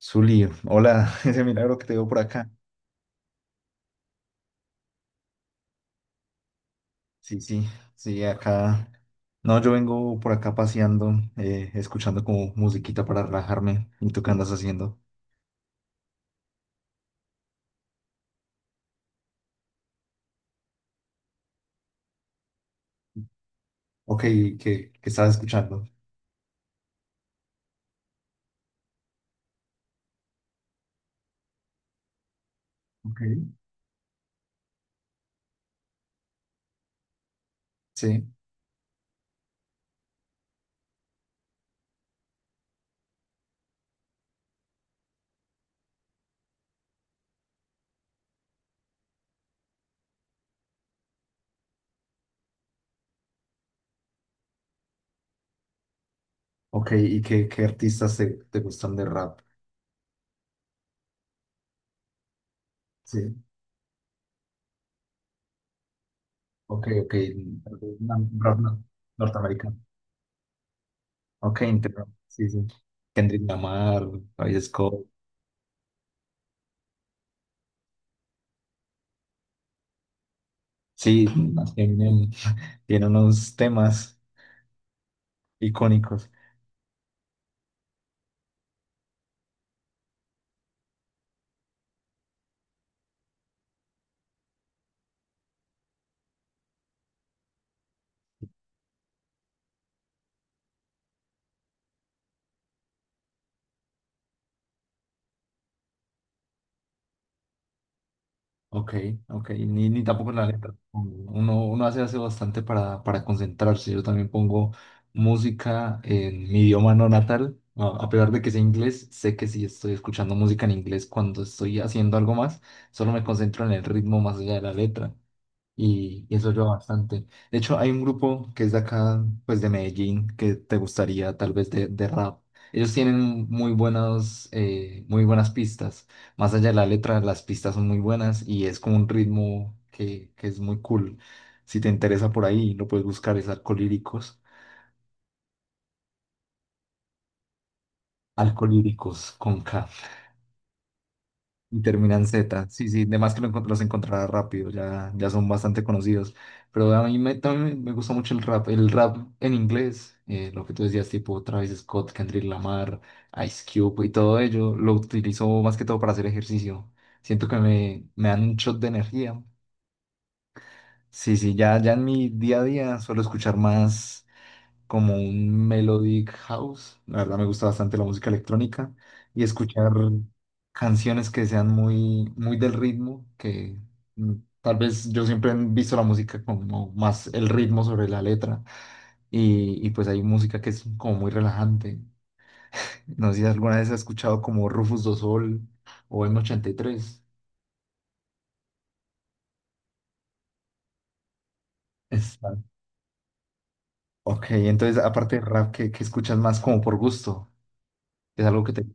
Zuli, hola, ese milagro que te veo por acá. Sí, sí, sí, acá. No, yo vengo por acá paseando, escuchando como musiquita para relajarme. ¿Y tú qué andas haciendo? Ok, ¿qué estás escuchando? Ok. Sí, ok, ¿y qué artistas te gustan de rap? Sí, ok, tal vez rap no- norteamericano. Ok, entiendo. Sí, sí. Kendrick Lamar, Travis Scott. Sí, Eminem, tiene unos temas icónicos. Ok, ok, ni tampoco la letra. Uno hace bastante para concentrarse. Yo también pongo música en mi idioma no natal. A pesar de que sea inglés, sé que si estoy escuchando música en inglés cuando estoy haciendo algo más, solo me concentro en el ritmo más allá de la letra y eso ayuda bastante. De hecho, hay un grupo que es de acá, pues de Medellín, que te gustaría tal vez de rap. Ellos tienen muy buenas pistas. Más allá de la letra, las pistas son muy buenas y es como un ritmo que es muy cool. Si te interesa por ahí, lo puedes buscar, es Alcolíricos. Alcolíricos con K. Y terminan Z, sí, sí, además que lo los encontrará rápido, ya son bastante conocidos. Pero a mí me, también me gusta mucho el rap en inglés, lo que tú decías, tipo Travis Scott, Kendrick Lamar, Ice Cube y todo ello, lo utilizo más que todo para hacer ejercicio. Siento que me dan un shot de energía. Sí, sí, ya en mi día a día suelo escuchar más como un melodic house. La verdad me gusta bastante la música electrónica y escuchar canciones que sean muy del ritmo, que mm, tal vez yo siempre he visto la música como más el ritmo sobre la letra y pues hay música que es como muy relajante. No sé si alguna vez has escuchado como Rufus do Sol o M83. Está. Ok, entonces aparte de rap, ¿qué escuchas más como por gusto? ¿Es algo que te...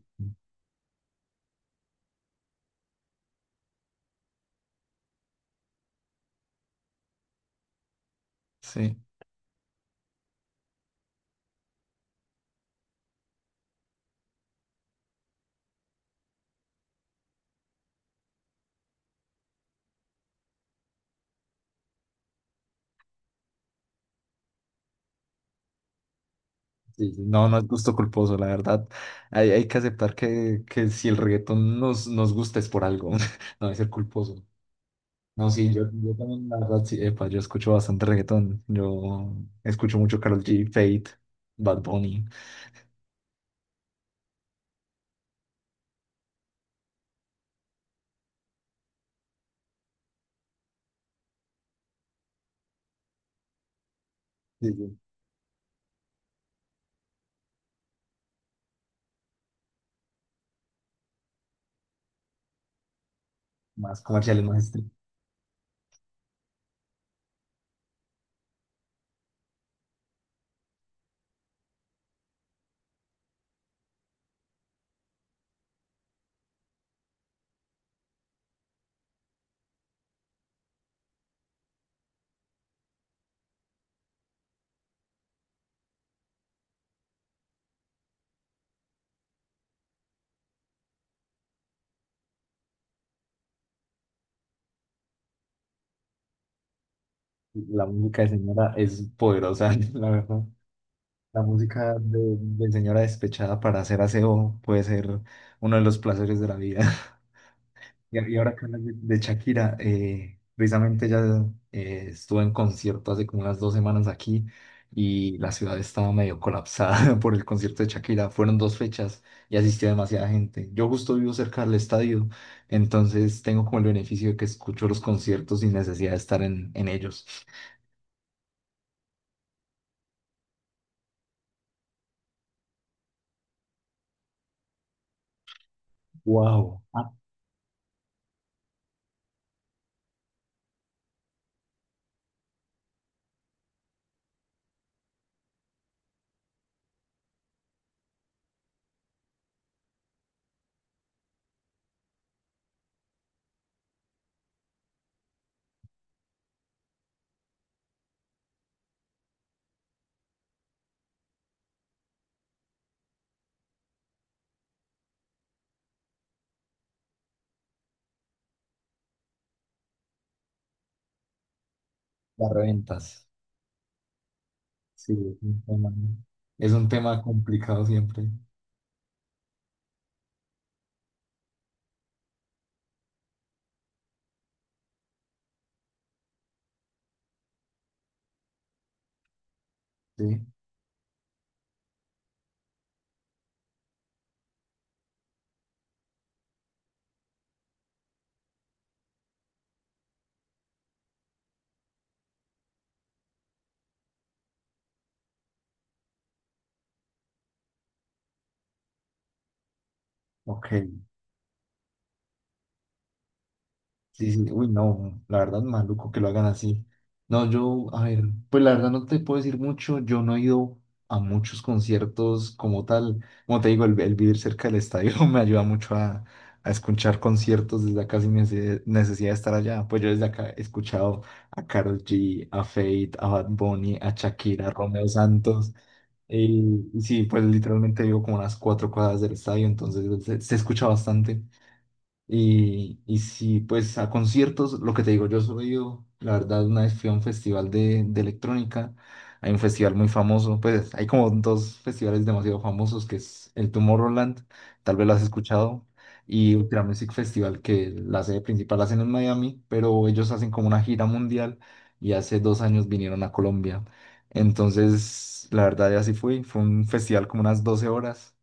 Sí. Sí, sí, no, no es gusto culposo, la verdad. Hay que aceptar que si el reggaetón nos, nos gusta es por algo, no es ser culposo. No, sí, yo también, la verdad, sí, epa, yo escucho bastante reggaetón. Yo escucho mucho Karol G, Fate, Bad Bunny. Sí, sí, más comerciales, más estrictos. La música de señora es poderosa, la verdad. La música de señora despechada para hacer aseo puede ser uno de los placeres de la vida. Y ahora que hablas de Shakira, precisamente ella estuvo en concierto hace como unas dos semanas aquí y la ciudad estaba medio colapsada por el concierto de Shakira. Fueron dos fechas y asistió demasiada gente. Yo justo vivo cerca del estadio, entonces tengo como el beneficio de que escucho los conciertos sin necesidad de estar en ellos. Wow. Ah, las reventas. Sí, es un tema complicado siempre. Sí, ok. Sí, sí, uy, no, la verdad, maluco que lo hagan así. No, yo, a ver, pues la verdad no te puedo decir mucho, yo no he ido a muchos conciertos como tal. Como te digo, el vivir cerca del estadio me ayuda mucho a escuchar conciertos desde acá sin necesidad de estar allá. Pues yo desde acá he escuchado a Karol G, a Fate, a Bad Bunny, a Shakira, a Romeo Santos. Y sí, pues literalmente vivo como a unas cuatro cuadras del estadio, entonces se escucha bastante. Y sí, pues a conciertos, lo que te digo, yo soy, yo, la verdad, una vez fui a un festival de electrónica, hay un festival muy famoso, pues hay como dos festivales demasiado famosos, que es el Tomorrowland, tal vez lo has escuchado, y Ultra Music Festival, que la sede principal la hacen en Miami, pero ellos hacen como una gira mundial y hace dos años vinieron a Colombia. Entonces, la verdad, ya así fui, fue un festival como unas 12 horas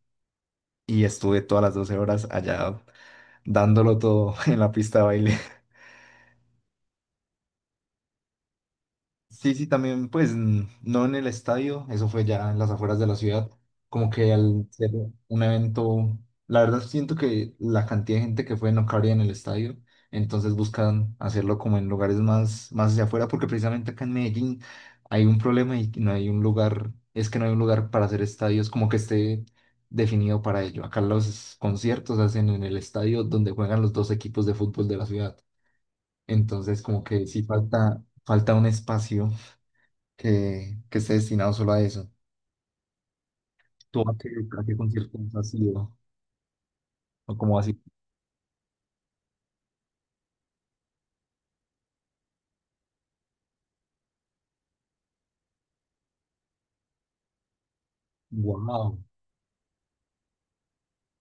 y estuve todas las 12 horas allá dándolo todo en la pista de baile. Sí, sí, también, pues no en el estadio, eso fue ya en las afueras de la ciudad, como que al ser un evento, la verdad siento que la cantidad de gente que fue no cabría en el estadio, entonces buscan hacerlo como en lugares más, más hacia afuera, porque precisamente acá en Medellín hay un problema y no hay un lugar, es que no hay un lugar para hacer estadios como que esté definido para ello. Acá los conciertos se hacen en el estadio donde juegan los dos equipos de fútbol de la ciudad. Entonces, como que sí falta, falta un espacio que esté destinado solo a eso. ¿Tú a a qué conciertos has ido? O como así, wow,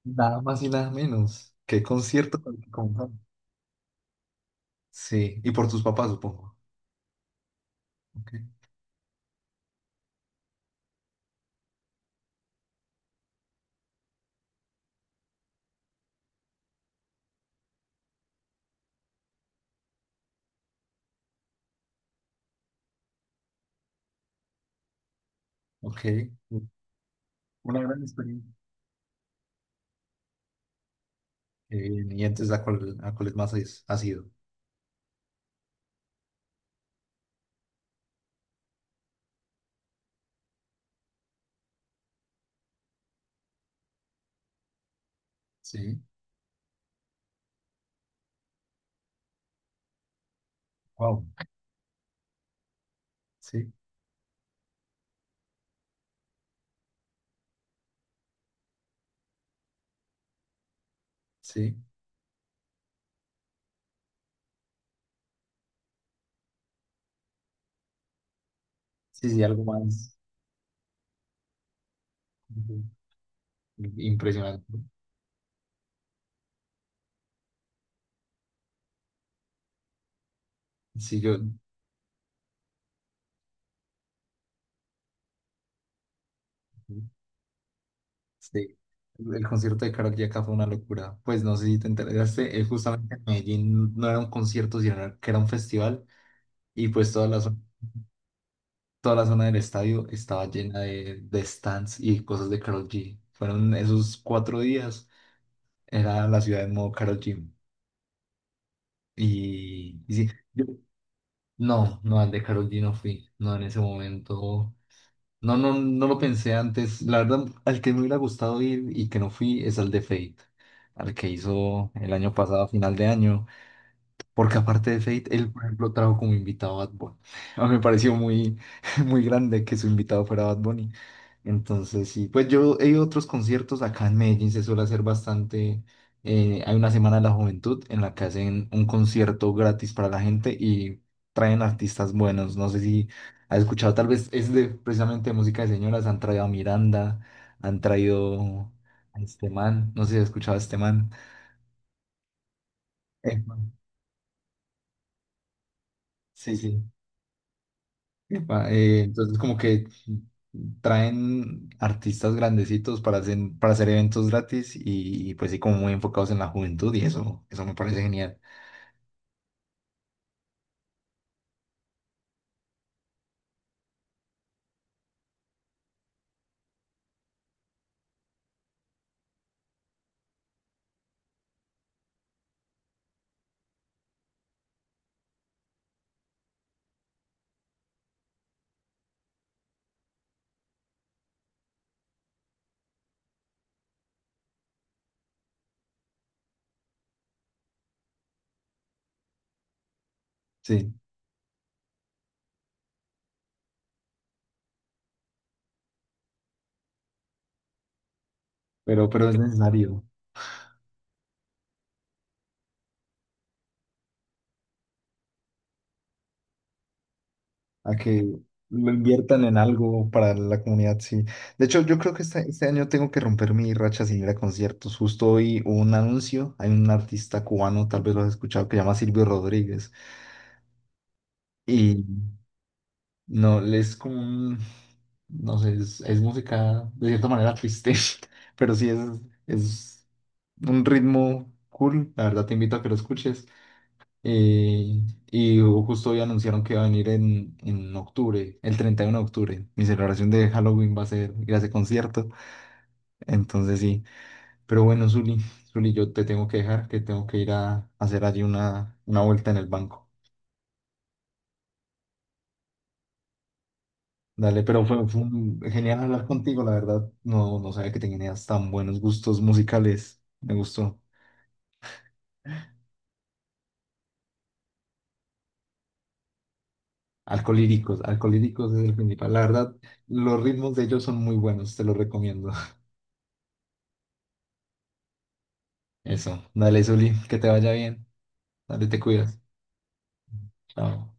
nada más y nada menos. ¿Qué concierto? Tan- como- Sí, y por tus papás, supongo. Ok, ok. Una gran experiencia. Qué bien, ¿Y entonces a cuál, a cuáles más has ido? Sí, wow, sí, sí, sí, sí, algo más sí, impresionante. Sí, yo. Sí, el concierto de Karol G acá fue una locura. Pues no sé si te enteraste, justamente en Medellín no era un concierto, sino que era un festival y pues toda la, toda la zona del estadio estaba llena de stands y cosas de Karol G. Fueron esos cuatro días, era la ciudad en modo Karol G. Y, y sí, yo- no, no, al de Karol G no fui, no en ese momento. No, no, no lo pensé antes. La verdad, al que me hubiera gustado ir y que no fui es al de Fate, al que hizo el año pasado, a final de año, porque aparte de Fate, él, por ejemplo, trajo como invitado a Bad Bunny. A mí me pareció muy, muy grande que su invitado fuera Bad Bunny. Entonces, sí, pues yo he ido a otros conciertos acá en Medellín, se suele hacer bastante. Hay una Semana de la Juventud en la que hacen un concierto gratis para la gente y traen artistas buenos. No sé si has escuchado, tal vez es de precisamente de música de señoras. Han traído a Miranda, han traído a este man, no sé si has escuchado a este man. Eh, sí, sí. Epa, entonces como que traen artistas grandecitos para hacer eventos gratis y pues sí como muy enfocados en la juventud y eso me parece genial. Sí, pero es necesario a que lo inviertan en algo para la comunidad, sí. De hecho, yo creo que este año tengo que romper mi racha sin ir a conciertos. Justo hoy hubo un anuncio, hay un artista cubano, tal vez lo has escuchado, que se llama Silvio Rodríguez. Y no, es como un, no sé, es música de cierta manera triste, pero sí es un ritmo cool. La verdad te invito a que lo escuches. Eh, y justo hoy anunciaron que va a venir en octubre, el 31 de octubre. Mi celebración de Halloween va a ser ir a ese concierto. Entonces sí, pero bueno, Zuli, Zuli, yo te tengo que dejar, que tengo que ir a, hacer allí una vuelta en el banco. Dale, pero fue, genial hablar contigo, la verdad. No, no sabía que tenías tan buenos gustos musicales. Me gustó. Alcolíricos, Alcolíricos es el principal. La verdad, los ritmos de ellos son muy buenos, te los recomiendo. Eso, dale, Zuli, que te vaya bien. Dale, te cuidas. Chao.